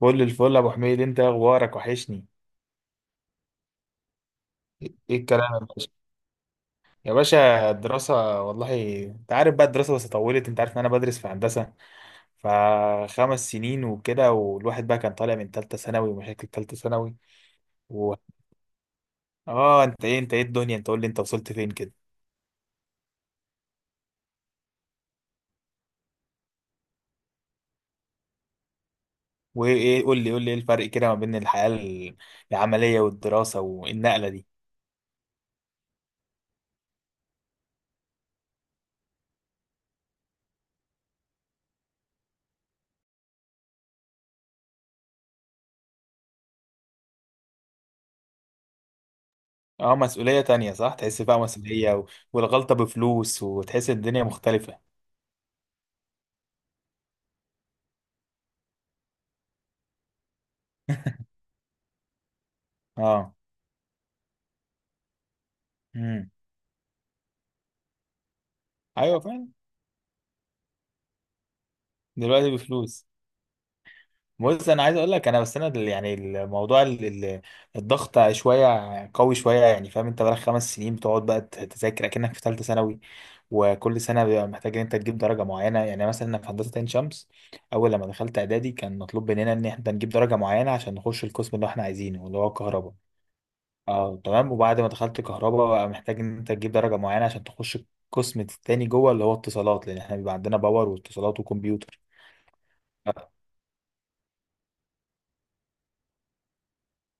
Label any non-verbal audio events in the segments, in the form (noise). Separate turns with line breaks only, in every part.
فل الفل يا ابو حميد، انت إيه اخبارك؟ وحشني. ايه الكلام يا باشا؟ يا باشا الدراسه والله. انت عارف بقى الدراسه، بس طولت. انت عارف ان انا بدرس في هندسه، فخمس سنين وكده، والواحد بقى كان طالع من ثالثه ثانوي ومشاكل ثالثه ثانوي. و... اه، انت ايه الدنيا، انت قول لي انت وصلت فين كده؟ وايه؟ قول لي ايه الفرق كده ما بين الحياه العمليه والدراسه، والنقله دي؟ اه، مسؤوليه تانية، صح، تحس بقى مسؤوليه، والغلطه بفلوس، وتحس الدنيا مختلفه. (laughs) اه. امم. ايوه فعلا. دلوقتي بفلوس. بص، انا عايز اقول لك انا، بس انا يعني الموضوع الضغط شويه، قوي شويه. يعني فاهم؟ انت بقالك خمس سنين بتقعد بقى تذاكر اكنك في ثالثه ثانوي، وكل سنه بيبقى محتاج ان انت تجيب درجه معينه. يعني مثلا أنا في هندسه عين شمس، اول لما دخلت اعدادي كان مطلوب مننا ان احنا نجيب درجه معينه عشان نخش القسم اللي احنا عايزينه، اللي هو الكهرباء. اه تمام. وبعد ما دخلت كهرباء، بقى محتاج ان انت تجيب درجه معينه عشان تخش القسم التاني جوه، اللي هو اتصالات، لان احنا بيبقى عندنا باور واتصالات وكمبيوتر.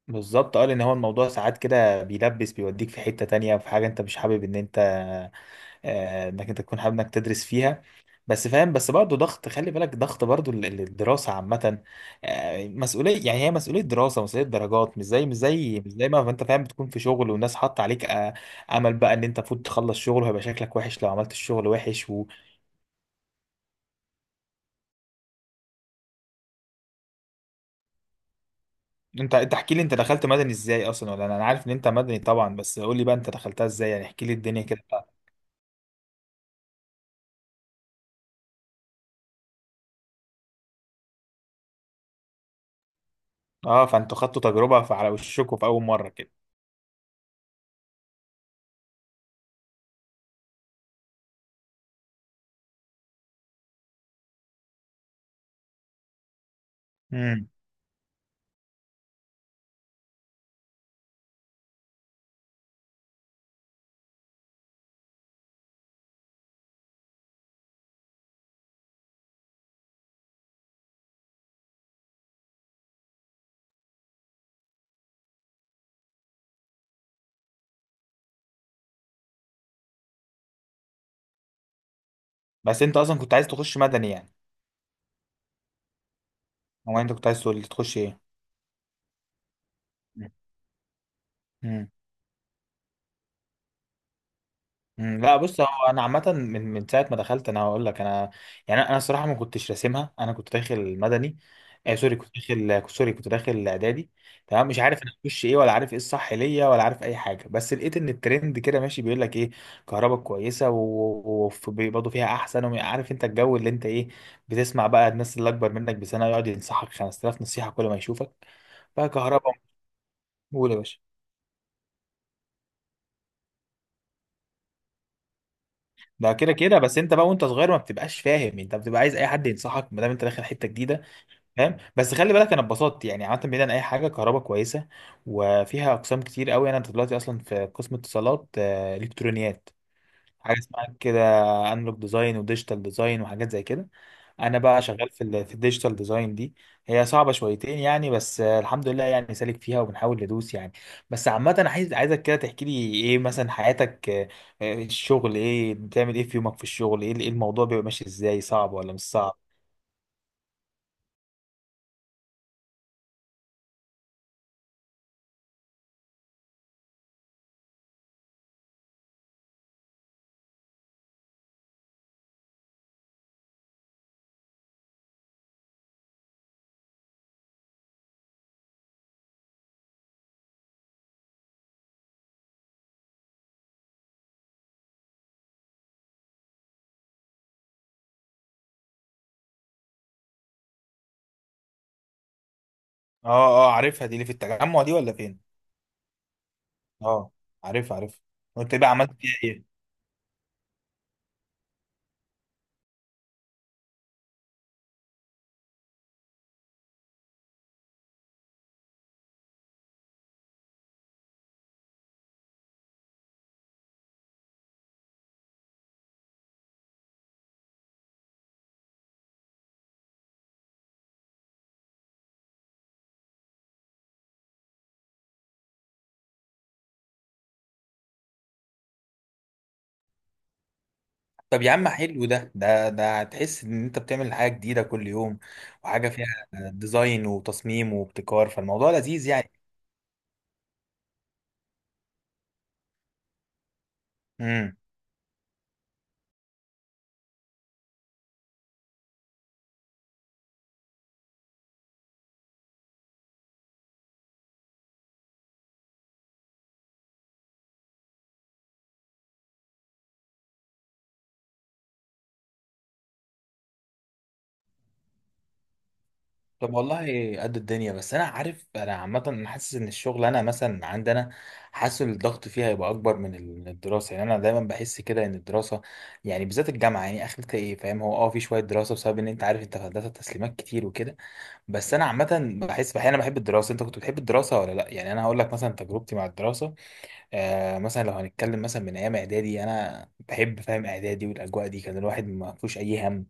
بالظبط، اه. لان هو الموضوع ساعات كده بيلبس، بيوديك في حتة تانية، في حاجة انت مش حابب ان انت، انك انت تكون حابب انك تدرس فيها. بس فاهم، بس برضه ضغط. خلي بالك ضغط برضه الدراسة عامة. مسؤولية. يعني هي مسؤولية دراسة، مسؤولية درجات، مش زي مش زي ما انت فاهم، بتكون في شغل والناس حاطة عليك امل بقى ان انت المفروض تخلص شغل، وهيبقى شكلك وحش لو عملت الشغل وحش، وانت. انت احكي لي، انت دخلت مدني ازاي اصلا؟ ولا انا، عارف ان انت مدني طبعا، بس قول لي بقى انت دخلتها ازاي؟ يعني احكي لي الدنيا كده. اه، فانتوا خدتوا تجربة فعلى وشكوا في اول مرة كده؟ امم. بس انت اصلا كنت عايز تخش مدني يعني؟ او انت كنت عايز تخش ايه؟ امم. لا بص، هو انا عامه، من ساعه ما دخلت، انا هقول لك انا يعني انا الصراحه ما كنتش راسمها. انا كنت داخل مدني، آه سوري. كنت داخل اعدادي. تمام، مش عارف انا هخش ايه، ولا عارف ايه الصح ليا، ولا عارف اي حاجه. بس لقيت ان الترند كده ماشي، بيقول لك ايه، كهرباء كويسه وبرضه فيها احسن. وعارف انت الجو اللي انت ايه، بتسمع بقى الناس اللي اكبر منك بسنه يقعد ينصحك 5000 نصيحه كل ما يشوفك، بقى كهرباء. قول يا باشا. ده كده كده، بس انت بقى وانت صغير ما بتبقاش فاهم. انت بتبقى عايز اي حد ينصحك ما دام انت داخل حته جديده. فاهم؟ بس خلي بالك، انا اتبسطت يعني عامه. بعيدا عن اي حاجه، كهرباء كويسه وفيها اقسام كتير قوي. انا دلوقتي اصلا في قسم اتصالات، الكترونيات. حاجه اسمها كده، انلوج ديزاين وديجيتال ديزاين وحاجات زي كده. انا بقى شغال في الديجيتال ديزاين دي. هي صعبه شويتين يعني، بس الحمد لله، يعني سالك فيها وبنحاول ندوس يعني. بس عامه انا عايزك كده تحكي لي ايه مثلا حياتك، الشغل ايه؟ بتعمل ايه في يومك في الشغل؟ ايه؟ إيه الموضوع بيبقى ماشي ازاي؟ صعب ولا مش صعب؟ اه اه، عارفها دي، اللي في التجمع دي ولا فين؟ اه، عارف عارف. وانت بقى عملت فيها ايه؟ طب يا عم، حلو ده. هتحس ان انت بتعمل حاجه جديده كل يوم، وحاجه فيها ديزاين وتصميم وابتكار. فالموضوع لذيذ يعني. امم. طب والله، قد الدنيا. بس انا عارف، انا عامه انا حاسس ان الشغل، انا مثلا عندنا، حاسس إن الضغط فيها هيبقى اكبر من من الدراسه. يعني انا دايما بحس كده ان الدراسه يعني بالذات الجامعه يعني اخرتها ايه، فاهم؟ هو اه، في شويه دراسه بسبب ان انت عارف، انت في هندسه تسليمات كتير وكده. بس انا عامه بحس احيانا بحب الدراسه. انت كنت بتحب الدراسه ولا لا؟ يعني انا هقول لك مثلا تجربتي مع الدراسه، آه، مثلا لو هنتكلم مثلا من ايام اعدادي. انا بحب، فاهم، اعدادي والاجواء دي، كان الواحد ما فيهوش اي هم.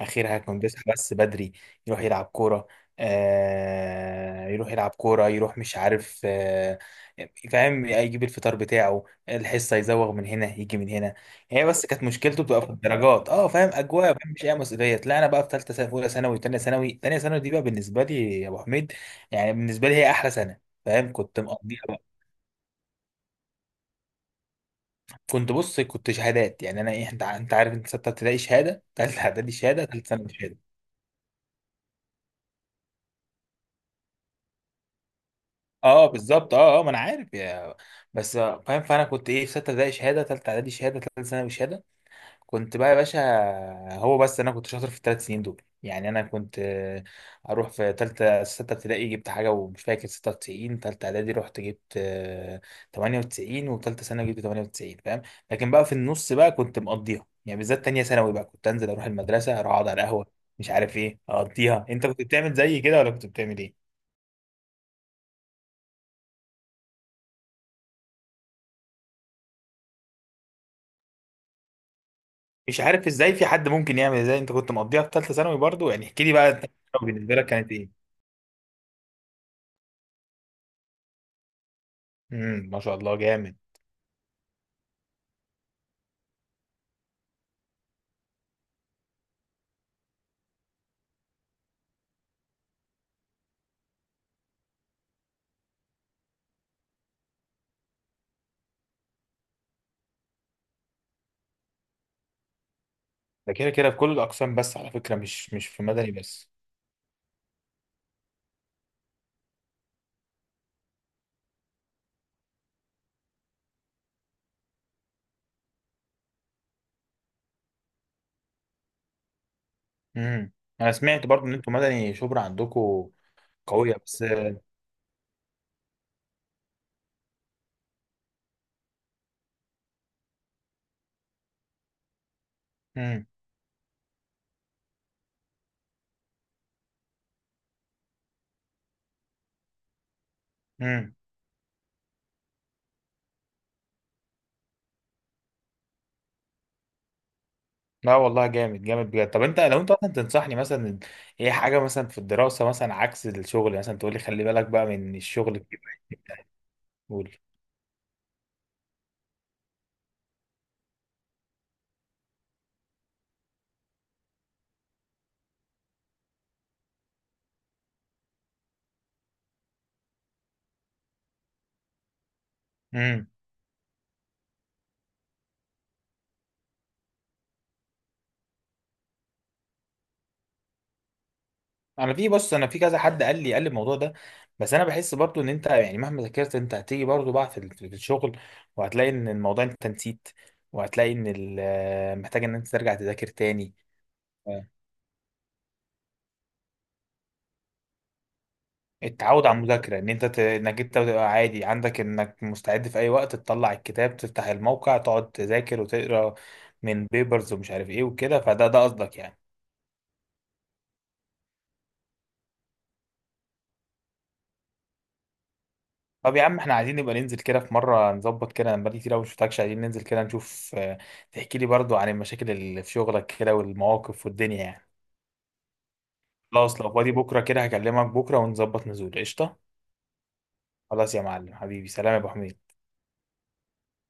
اخرها كان بيصحى بس بدري، يروح يلعب كوره، يروح يلعب كوره، يروح مش عارف فاهم، يجيب الفطار بتاعه، الحصه يزوغ من هنا يجي من هنا. هي بس كانت مشكلته بتبقى في الدرجات. اه، فاهم، اجواء، فاهم، مش اي مسؤوليه. لا، انا بقى في ثالثه ثانوي، اولى ثانوي، ثانيه ثانوي دي بقى بالنسبه لي يا ابو حميد، يعني بالنسبه لي هي احلى سنه. فاهم؟ كنت مقضيها. كنت، بص، كنت شهادات. يعني انا ايه، انت انت عارف، انت سته ابتدائي شهاده، ثالثه اعدادي شهاده، ثالثه ثانوي شهاده. اه بالظبط اه. اه، ما انا عارف يا، بس فاهم. فانا كنت ايه، في سته ابتدائي شهاده، ثالثه اعدادي شهاده، ثالثه ثانوي شهاده. كنت بقى يا باشا، هو بس انا كنت شاطر في الثلاث سنين دول. يعني انا كنت اروح في ثالثه سته ابتدائي جبت حاجه ومش فاكر 96، ثالثه اعدادي رحت جبت 98، وثالثه ثانوي جبت 98، فاهم. لكن بقى في النص بقى كنت مقضيها يعني، بالذات تانية ثانوي بقى كنت انزل، اروح المدرسه، اروح اقعد على القهوه، مش عارف ايه، اقضيها. انت كنت بتعمل زي كده، ولا كنت بتعمل ايه؟ مش عارف ازاي في حد ممكن يعمل زي، انت كنت مقضيها في ثالثه ثانوي برضو. يعني احكي لي بقى، تالتة ثانوي بالنسبه لك كانت ايه؟ امم، ما شاء الله، جامد. ده كده كده في كل الأقسام، بس على فكرة مش مش في مدني بس. امم. أنا سمعت برضو إن أنتوا مدني شبرا عندكم قوية. بس امم. امم. لا والله، جامد جامد، بجد. طب، أنت لو أنت مثلا تنصحني مثلا، إيه حاجة مثلا في الدراسة مثلا عكس الشغل، مثلا تقول لي خلي بالك بقى من الشغل كده. قول. امم. أنا في، بص، أنا في كذا حد قال لي، الموضوع ده. بس أنا بحس برضو إن أنت يعني مهما ذاكرت أنت هتيجي برضو بقى في الشغل، وهتلاقي إن الموضوع أنت نسيت، وهتلاقي إن محتاج إن أنت ترجع تذاكر تاني. آه. التعود على المذاكرة، ان انت انك انت تبقى عادي عندك انك مستعد في اي وقت تطلع الكتاب، تفتح الموقع، تقعد تذاكر وتقرا من بيبرز ومش عارف ايه وكده، فده ده قصدك يعني. طب يا عم، احنا عايزين نبقى ننزل كده في مرة نظبط كده. انا بقالي كتير قوي ما شفتكش. عايزين ننزل كده نشوف، تحكي لي برضو عن المشاكل اللي في شغلك كده والمواقف والدنيا يعني. خلاص، لو فاضي بكرة كده هكلمك بكرة ونظبط نزول. قشطة. خلاص يا معلم حبيبي، سلام يا ابو حميد.